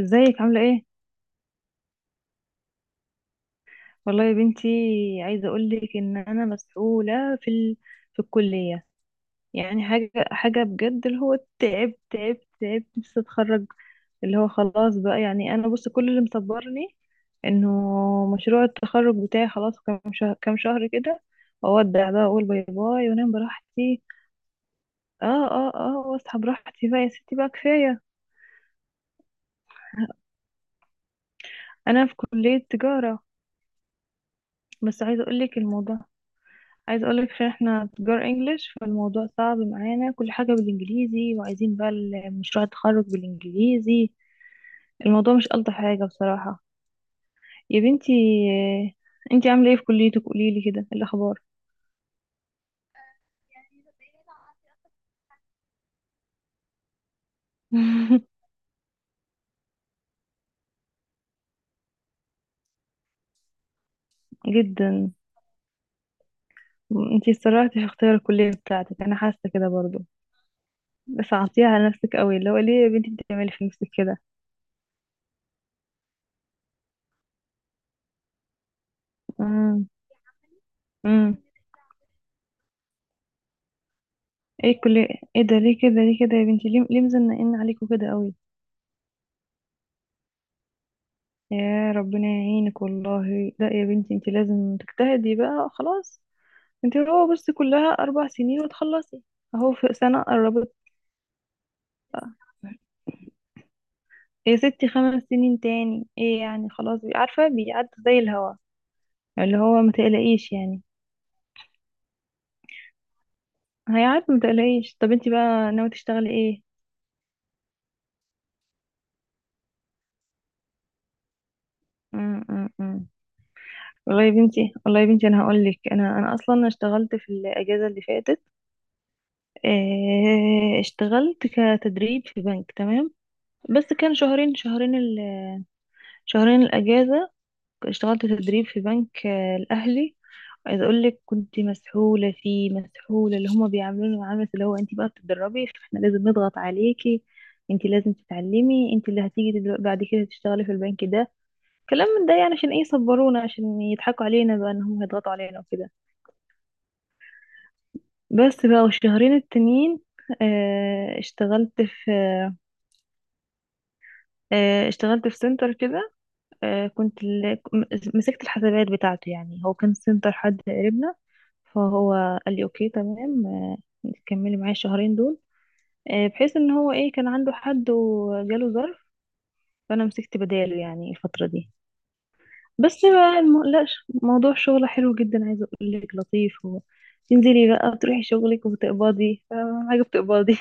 ازيك عاملة ايه؟ والله يا بنتي، عايزة اقولك ان انا مسؤولة في في الكلية. يعني حاجة بجد، اللي هو تعبت تعبت تعبت، نفسي اتخرج. اللي هو خلاص بقى، يعني انا بص، كل اللي مصبرني انه مشروع التخرج بتاعي. خلاص، كام شهر كام شهر كده اودع بقى، اقول باي باي وانام براحتي. اه، اه، اه، واصحى براحتي بقى يا ستي، بقى كفاية. انا في كلية تجارة. بس عايزة اقولك الموضوع، عايز اقولك، عشان احنا تجار انجليش فالموضوع صعب معانا، كل حاجة بالانجليزي، وعايزين بقى مشروع التخرج بالانجليزي. الموضوع مش ألطف حاجة بصراحة يا بنتي. انتي عاملة ايه في كليتك؟ قوليلي كده، إيه الاخبار. جدا. انتي اتسرعتي في اختيار الكلية بتاعتك، انا حاسة كده برضو. بس عطيها على نفسك قوي، اللي هو ليه يا بنتي بتعملي في نفسك كده؟ امم. امم. ايه الكلية؟ ايه ده، ليه كده ليه كده يا بنتي؟ ليه ليه مزنقين عليكوا كده قوي؟ يا ربنا يعينك. والله لا يا بنتي، انت لازم تجتهدي بقى خلاص. انت هو بس كلها 4 سنين وتخلصي. اهو في سنة قربت. يا ستي 5 سنين تاني ايه يعني؟ خلاص، عارفة بيعدي زي الهوا. اللي هو ما تقلقيش يعني. هيعدي ما تقلقيش. طب انت بقى ناوي تشتغلي ايه؟ م -م -م. والله يا بنتي، والله يا بنتي، انا هقول لك، انا انا اصلا اشتغلت في الاجازة اللي فاتت. اه، اشتغلت كتدريب في بنك، تمام. بس كان شهرين، شهرين الأجازة. اشتغلت تدريب في بنك، الأهلي. عايزة أقول لك كنت مسحولة فيه، مسحولة. اللي هما بيعاملوني معاملة اللي هو أنت بقى بتتدربي فاحنا لازم نضغط عليكي. أنت لازم تتعلمي، أنت اللي هتيجي بعد كده تشتغلي في البنك ده. كلام من ده، يعني عشان إيه يصبرونا؟ عشان يضحكوا علينا بقى إن هم هيضغطوا علينا وكده. بس بقى. والشهرين التانيين، آه، اشتغلت في اشتغلت في سنتر كده. آه، كنت ال- م- مسكت الحسابات بتاعته. يعني هو كان سنتر حد قريبنا. فهو قال لي اوكي تمام، كملي معايا الشهرين دول، بحيث ان هو ايه كان عنده حد وجاله ظرف. فانا مسكت بداله يعني الفترة دي. بس بقى لا، موضوع شغله حلو جدا، عايزة اقول لك لطيف و تنزلي بقى، بتروحي شغلك وبتقبضي. فاهمة؟ حاجة بتقبضي.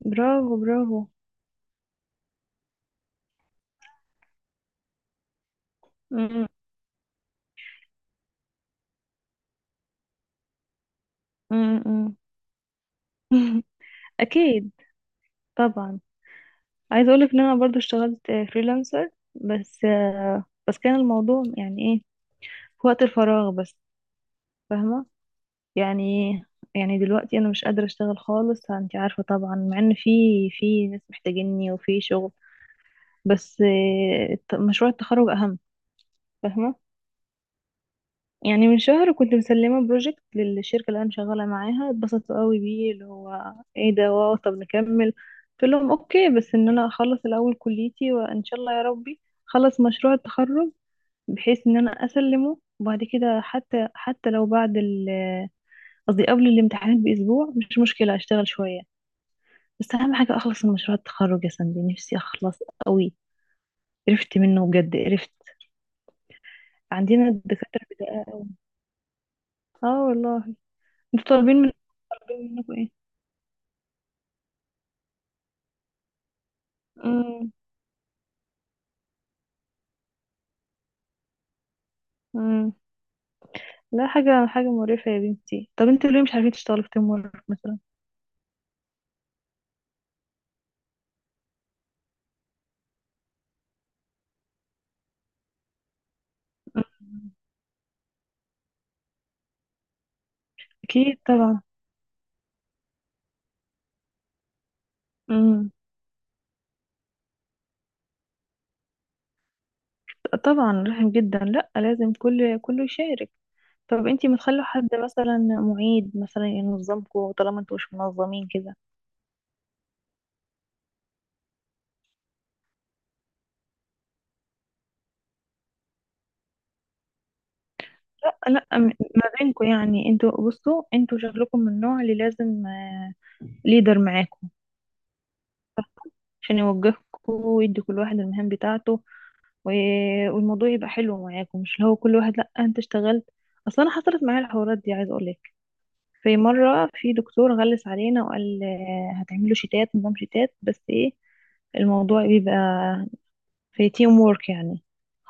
برافو برافو. م- م- م- م. أكيد، طبعا. عايزه اقولك ان انا برضو اشتغلت فريلانسر. بس بس كان الموضوع يعني ايه، في وقت الفراغ بس. فاهمه؟ يعني يعني دلوقتي انا مش قادره اشتغل خالص، انت عارفه طبعا. مع ان في ناس محتاجيني وفي شغل. بس مشروع التخرج اهم. فاهمه؟ يعني من شهر كنت مسلمه بروجكت للشركه اللي انا شغاله معاها. اتبسطت قوي بيه، اللي هو ايه ده، واو طب نكمل. قلت لهم اوكي، بس ان انا اخلص الاول كليتي، وان شاء الله يا ربي خلص مشروع التخرج، بحيث ان انا اسلمه. وبعد كده حتى لو بعد قصدي قبل الامتحانات باسبوع، مش مشكله اشتغل شويه. بس اهم حاجه اخلص من مشروع التخرج يا سندي، نفسي اخلص قوي. قرفت منه بجد، قرفت. عندنا الدكاتره بدقه قوي، اه والله. انتوا طالبين من، طالبين منكم ايه؟ امم. امم. لا، حاجه حاجه مقرفه يا بنتي. طب انتوا ليه مش عارفين تشتغلوا في تيم وورك مثلا؟ مم. اكيد طبعا. امم. طبعا رحم جدا، لا لازم كل كله يشارك. طب انتي متخلوا حد مثلا معيد مثلا ينظمكوا؟ طالما انتوا مش منظمين كده. لا لا، ما بينكوا، يعني انتوا بصوا، انتوا شكلكم من النوع اللي لازم ليدر معاكوا عشان يوجهكوا ويدي كل واحد المهام بتاعته. والموضوع يبقى حلو معاكوا، مش اللي هو كل واحد لا انت اشتغلت. اصلا انا حصلت معايا الحوارات دي، عايز اقولك. في مره في دكتور غلس علينا وقال هتعملوا شتات، نظام شتات. بس ايه، الموضوع بيبقى في تيم وورك يعني.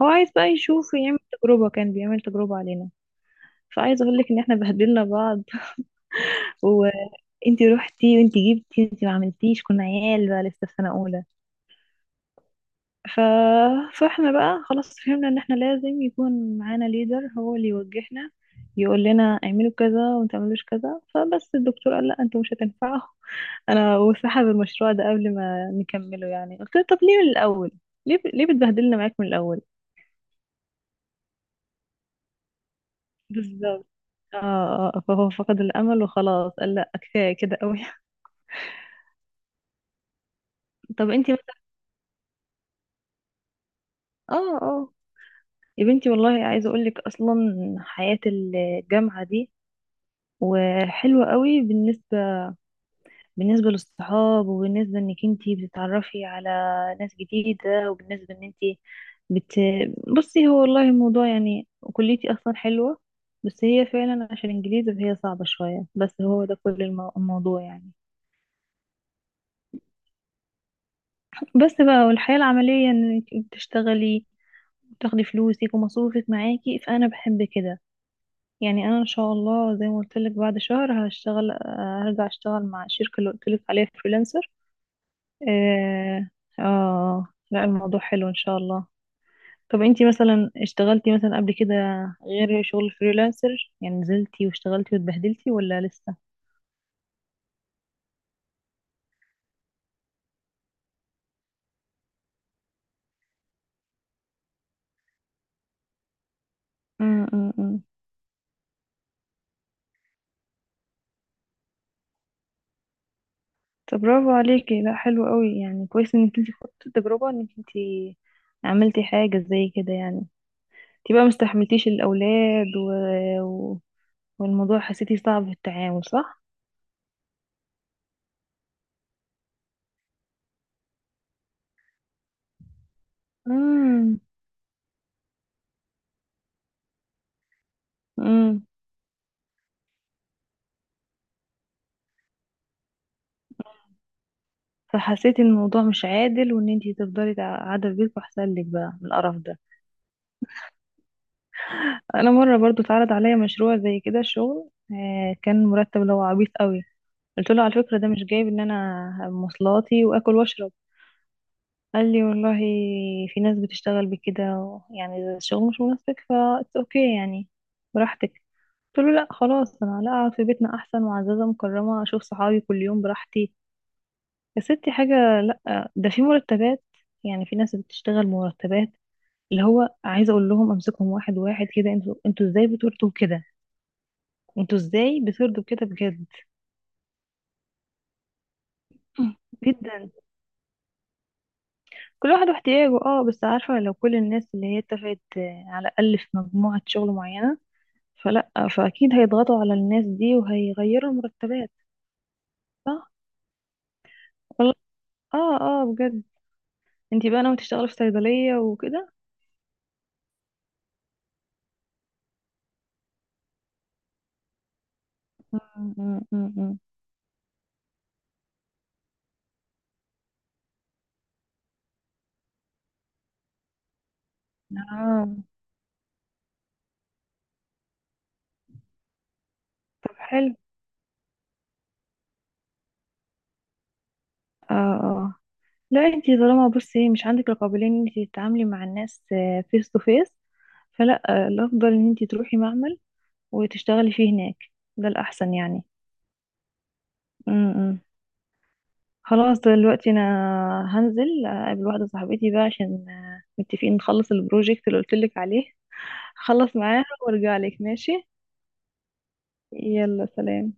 هو عايز بقى يشوف، يعمل تجربة، كان بيعمل تجربة علينا. فعايز اقول لك ان احنا بهدلنا بعض. وانتي روحتي وانتي جبتي وانتي ما عملتيش، كنا عيال بقى لسه في سنة اولى. ف فاحنا بقى خلاص فهمنا ان احنا لازم يكون معانا ليدر، هو اللي يوجهنا يقول لنا اعملوا كذا وما تعملوش كذا. فبس الدكتور قال لا، انتوا مش هتنفعوا. انا وسحب المشروع ده قبل ما نكمله. يعني قلت له طب ليه من الاول؟ ليه ليه بتبهدلنا معاك من الاول؟ بالظبط. اه. فهو فقد الامل وخلاص قال لا، كفايه كده قوي. طب انتي مثلا. اه، اه. يا بنتي والله، عايزه اقول لك اصلا حياه الجامعه دي وحلوه قوي، بالنسبه بالنسبه للصحاب، وبالنسبه انك انتي بتتعرفي على ناس جديده، وبالنسبه ان انتي بت بصي. هو والله الموضوع يعني كليتي اصلا حلوه، بس هي فعلا عشان انجليزي فهي صعبه شويه. بس هو ده كل الموضوع يعني. بس بقى. والحياة العملية انك بتشتغلي وتاخدي فلوسك ومصروفك معاكي، فانا بحب كده. يعني انا ان شاء الله زي ما قلت لك بعد شهر هشتغل، هرجع اشتغل مع الشركة اللي قلت لك عليها فريلانسر. اه. لا، الموضوع حلو ان شاء الله. طب انتي مثلا اشتغلتي مثلا قبل كده، غير شغل فريلانسر؟ يعني نزلتي واشتغلتي واتبهدلتي، ولا لسه؟ م- م- م. طب برافو عليكي. لا، حلو قوي يعني، كويس انك انت خدتي التجربة، انك انت عملتي حاجة زي كده يعني. انت بقى مستحملتيش الأولاد و و والموضوع حسيتي صعب في التعامل، صح؟ امم. امم. فحسيتي ان الموضوع مش عادل، وان انت تفضلي قاعدة في بيتكم احسن لك بقى من القرف ده. انا مرة برضو اتعرض عليا مشروع زي كده شغل، كان مرتب اللي هو عبيط قوي. قلت له على فكرة ده مش جايب ان انا مواصلاتي واكل واشرب. قال لي والله في ناس بتشتغل بكده، يعني إذا الشغل مش مناسبك ف it's اوكي يعني، براحتك. قلت له لا خلاص، انا لا، اقعد في بيتنا احسن، معززه مكرمه اشوف صحابي كل يوم براحتي. يا ستي، حاجه لا، ده في مرتبات. يعني في ناس بتشتغل مرتبات اللي هو، عايزه اقول لهم امسكهم واحد واحد كده. انتوا ازاي بتردوا كده، انتوا ازاي بتردوا كده بجد؟ جدا. كل واحد واحتياجه، اه. بس عارفه لو كل الناس اللي هي اتفقت، على الاقل في مجموعه شغل معينه فلا، فاكيد هيضغطوا على الناس دي وهيغيروا المرتبات. صح، والله. اه، اه، بجد. انتي بقى ناوي تشتغلي في صيدلية وكده؟ مم، مم، مم، مم. اه. طب حلو. اه، اه. لا، انتي طالما بصي مش عندك القابلية ان انتي تتعاملي مع الناس فيس تو فيس، فلا، الافضل ان انتي تروحي معمل وتشتغلي فيه هناك. ده الاحسن يعني. مم، مم. خلاص دلوقتي انا هنزل اقابل واحده صاحبتي بقى، عشان متفقين نخلص البروجكت اللي قلت لك عليه. هخلص معاها وارجع لك، ماشي. يلا، سلام.